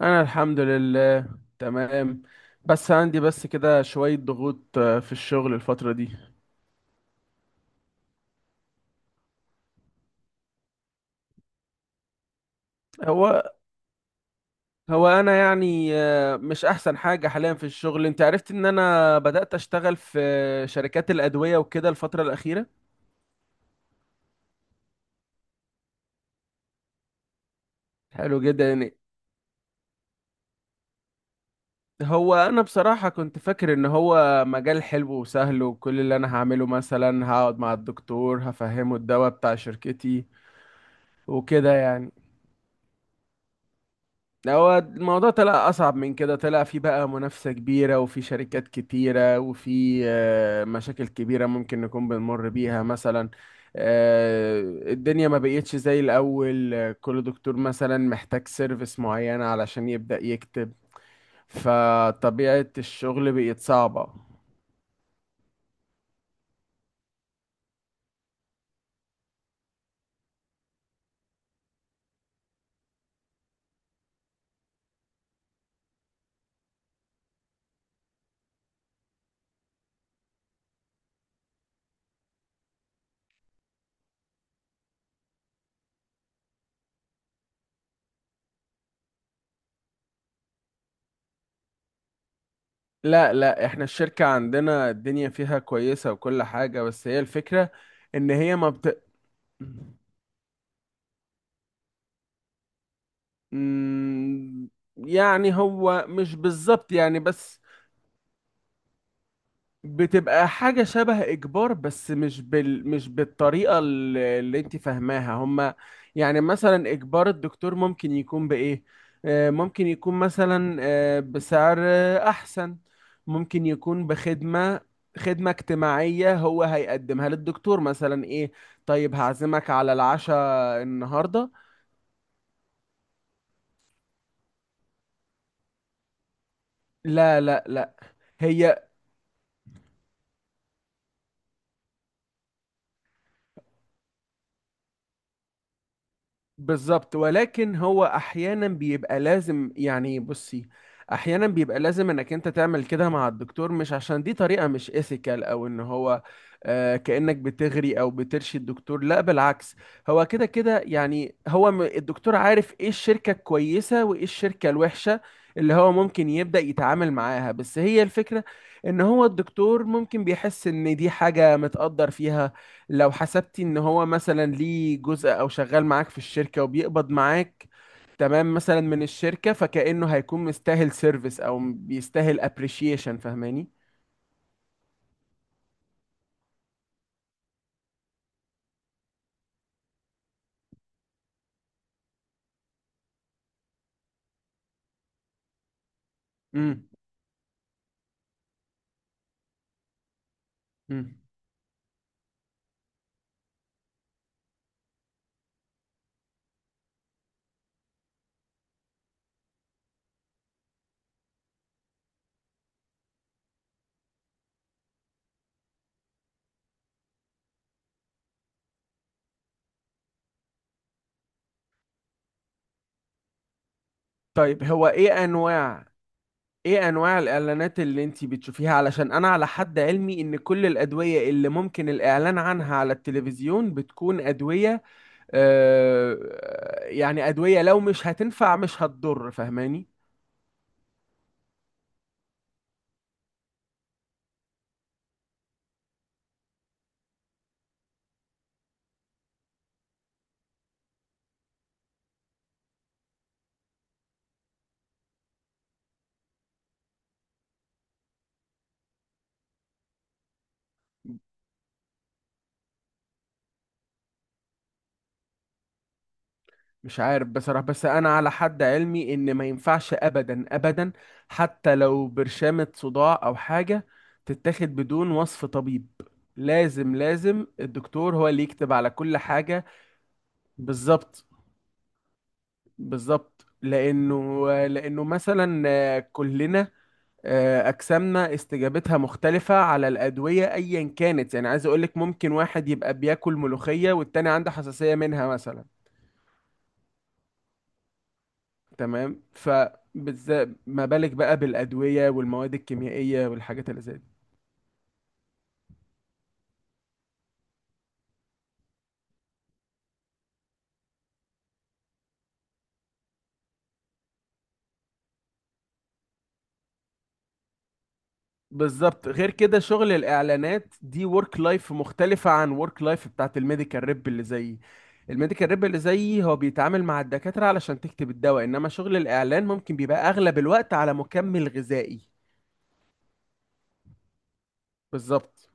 انا الحمد لله تمام. بس عندي بس كده شوية ضغوط في الشغل الفترة دي. هو هو انا يعني مش احسن حاجة حاليا في الشغل. انت عرفت ان انا بدأت اشتغل في شركات الادوية وكده الفترة الاخيرة. حلو جدا يعني. هو انا بصراحة كنت فاكر ان هو مجال حلو وسهل، وكل اللي انا هعمله مثلا هقعد مع الدكتور هفهمه الدواء بتاع شركتي وكده يعني. لا، هو الموضوع طلع أصعب من كده، طلع في بقى منافسة كبيرة وفي شركات كتيرة وفي مشاكل كبيرة ممكن نكون بنمر بيها مثلا. آه، الدنيا ما بقيتش زي الأول، كل دكتور مثلا محتاج سيرفيس معينة علشان يبدأ يكتب. فطبيعة الشغل بقت صعبة. لا لا، احنا الشركة عندنا الدنيا فيها كويسة وكل حاجة، بس هي الفكرة إن هي ما بت... مم، يعني هو مش بالظبط يعني. بس بتبقى حاجة شبه إجبار، بس مش بالطريقة اللي أنت فاهماها هما. يعني مثلا إجبار الدكتور ممكن يكون بإيه؟ ممكن يكون مثلا بسعر أحسن. ممكن يكون بخدمة، خدمة اجتماعية هو هيقدمها للدكتور مثلا. إيه؟ طيب هعزمك على العشاء النهاردة. لا لا لا، هي بالظبط، ولكن هو احيانا بيبقى لازم يعني. بصي، احيانا بيبقى لازم انك انت تعمل كده مع الدكتور، مش عشان دي طريقة مش ايثيكال او ان هو آه كأنك بتغري او بترشي الدكتور، لا بالعكس. هو كده كده يعني، هو الدكتور عارف ايه الشركة الكويسة وايه الشركة الوحشة اللي هو ممكن يبدأ يتعامل معاها. بس هي الفكرة ان هو الدكتور ممكن بيحس ان دي حاجة متقدر فيها، لو حسبتي ان هو مثلا ليه جزء او شغال معاك في الشركة وبيقبض معاك تمام مثلا من الشركة، فكأنه هيكون مستاهل سيرفيس او بيستاهل ابريشيشن، فاهماني. امم. امم. طيب هو ايه انواع، ايه انواع الاعلانات اللي انتي بتشوفيها؟ علشان انا على حد علمي ان كل الادوية اللي ممكن الاعلان عنها على التلفزيون بتكون ادوية آه، يعني ادوية لو مش هتنفع مش هتضر، فاهماني. مش عارف بصراحة، بس أنا على حد علمي إن ما ينفعش أبدا أبدا حتى لو برشامة صداع أو حاجة تتاخد بدون وصف طبيب. لازم لازم الدكتور هو اللي يكتب على كل حاجة. بالظبط. بالظبط، لأنه مثلا كلنا أجسامنا استجابتها مختلفة على الأدوية أيا كانت. يعني عايز أقولك ممكن واحد يبقى بياكل ملوخية والتاني عنده حساسية منها مثلا. تمام، فبالذات ما بالك بقى بالأدوية والمواد الكيميائية والحاجات اللي زي دي. بالظبط. غير كده شغل الإعلانات دي ورك لايف مختلفة عن ورك لايف بتاعت الميديكال ريب اللي زيي. الميديكال ريب اللي زيي هو بيتعامل مع الدكاترة علشان تكتب الدواء، إنما شغل الإعلان ممكن بيبقى أغلب الوقت على مكمل غذائي. بالظبط،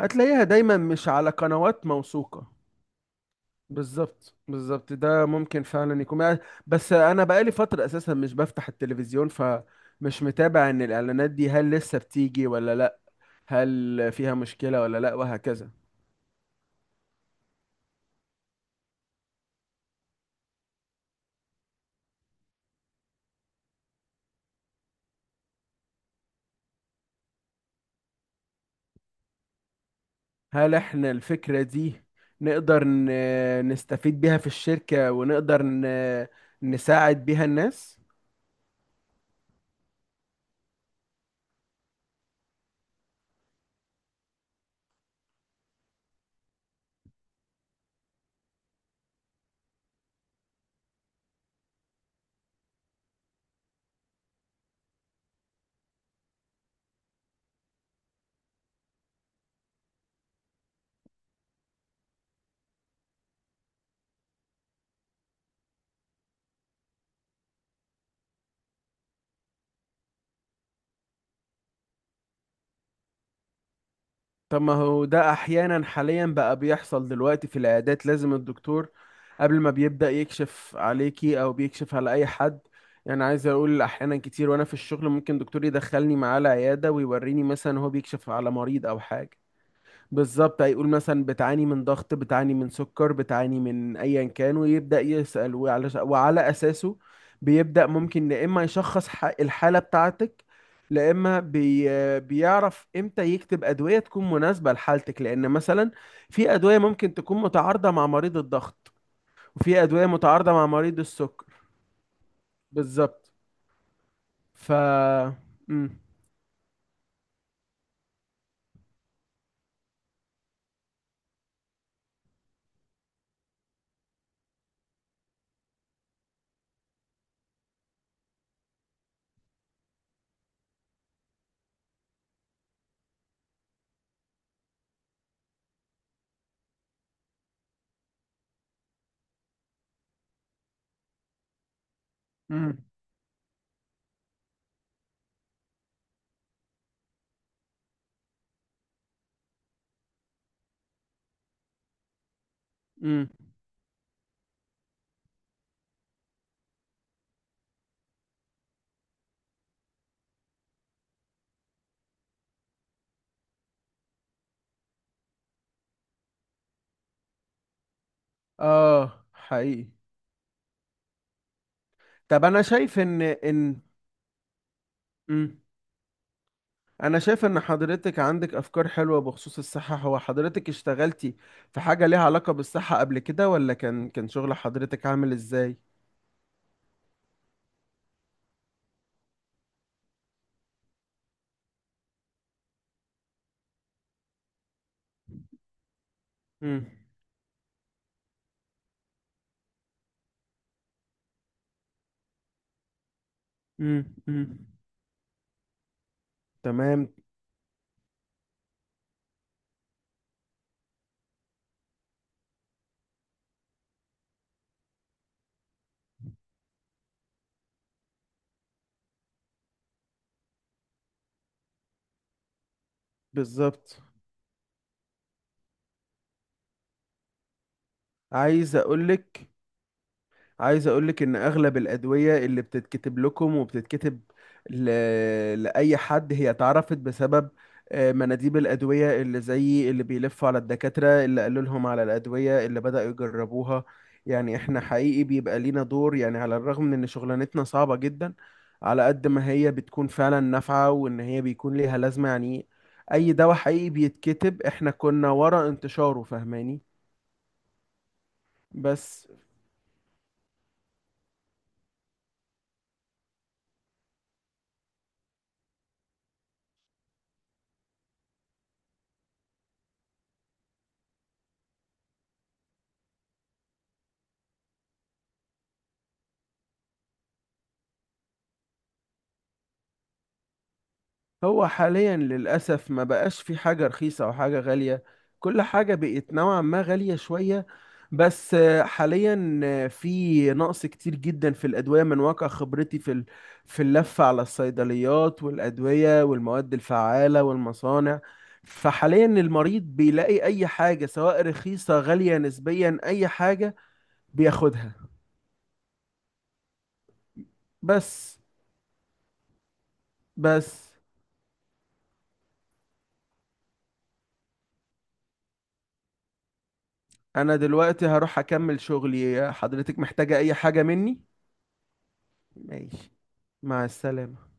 هتلاقيها دايما مش على قنوات موثوقة. بالظبط بالظبط، ده ممكن فعلا يكون يعني. بس انا بقالي فترة اساسا مش بفتح التلفزيون، فمش متابع ان الاعلانات دي هل لسه بتيجي ولا لا، هل فيها مشكلة ولا لا، وهكذا. هل احنا الفكرة دي نقدر نستفيد بيها في الشركة ونقدر نساعد بيها الناس؟ طب ما هو ده احيانا حاليا بقى بيحصل دلوقتي في العيادات. لازم الدكتور قبل ما بيبدأ يكشف عليكي او بيكشف على اي حد، يعني عايز اقول احيانا كتير وانا في الشغل ممكن دكتور يدخلني معاه العيادة ويوريني مثلا هو بيكشف على مريض او حاجة. بالظبط، هيقول مثلا بتعاني من ضغط، بتعاني من سكر، بتعاني من ايا كان، ويبدأ يسأل، وعلى وعلى اساسه بيبدأ ممكن يا اما يشخص الحالة بتاعتك، لا اما بي بيعرف امتى يكتب ادوية تكون مناسبة لحالتك، لان مثلا في ادوية ممكن تكون متعارضة مع مريض الضغط، وفي ادوية متعارضة مع مريض السكر. بالظبط. ف، امم. امم. امم. اه حقيقي. طب انا شايف ان مم. انا شايف ان حضرتك عندك افكار حلوة بخصوص الصحة. هو حضرتك اشتغلتي في حاجة ليها علاقة بالصحة قبل كده، ولا كان شغل حضرتك عامل ازاي؟ امم. امم. تمام. بالظبط. عايز اقولك عايز اقولك ان اغلب الادويه اللي بتتكتب لكم وبتتكتب ل... لاي حد، هي اتعرفت بسبب مناديب الادويه اللي زي اللي بيلفوا على الدكاتره، اللي قالوا لهم على الادويه اللي بداوا يجربوها. يعني احنا حقيقي بيبقى لينا دور يعني، على الرغم من ان شغلانتنا صعبه جدا، على قد ما هي بتكون فعلا نافعه، وان هي بيكون ليها لازمه يعني. اي دواء حقيقي بيتكتب احنا كنا ورا انتشاره، فاهماني. بس. هو حاليا للأسف ما بقاش في حاجة رخيصة أو حاجة غالية، كل حاجة بقت نوعا ما غالية شوية. بس حاليا في نقص كتير جدا في الأدوية من واقع خبرتي في اللفة على الصيدليات والأدوية والمواد الفعالة والمصانع. فحاليا المريض بيلاقي أي حاجة، سواء رخيصة غالية نسبيا، أي حاجة بياخدها. بس. بس. أنا دلوقتي هروح أكمل شغلي، حضرتك محتاجة أي حاجة مني؟ ماشي، مع السلامة.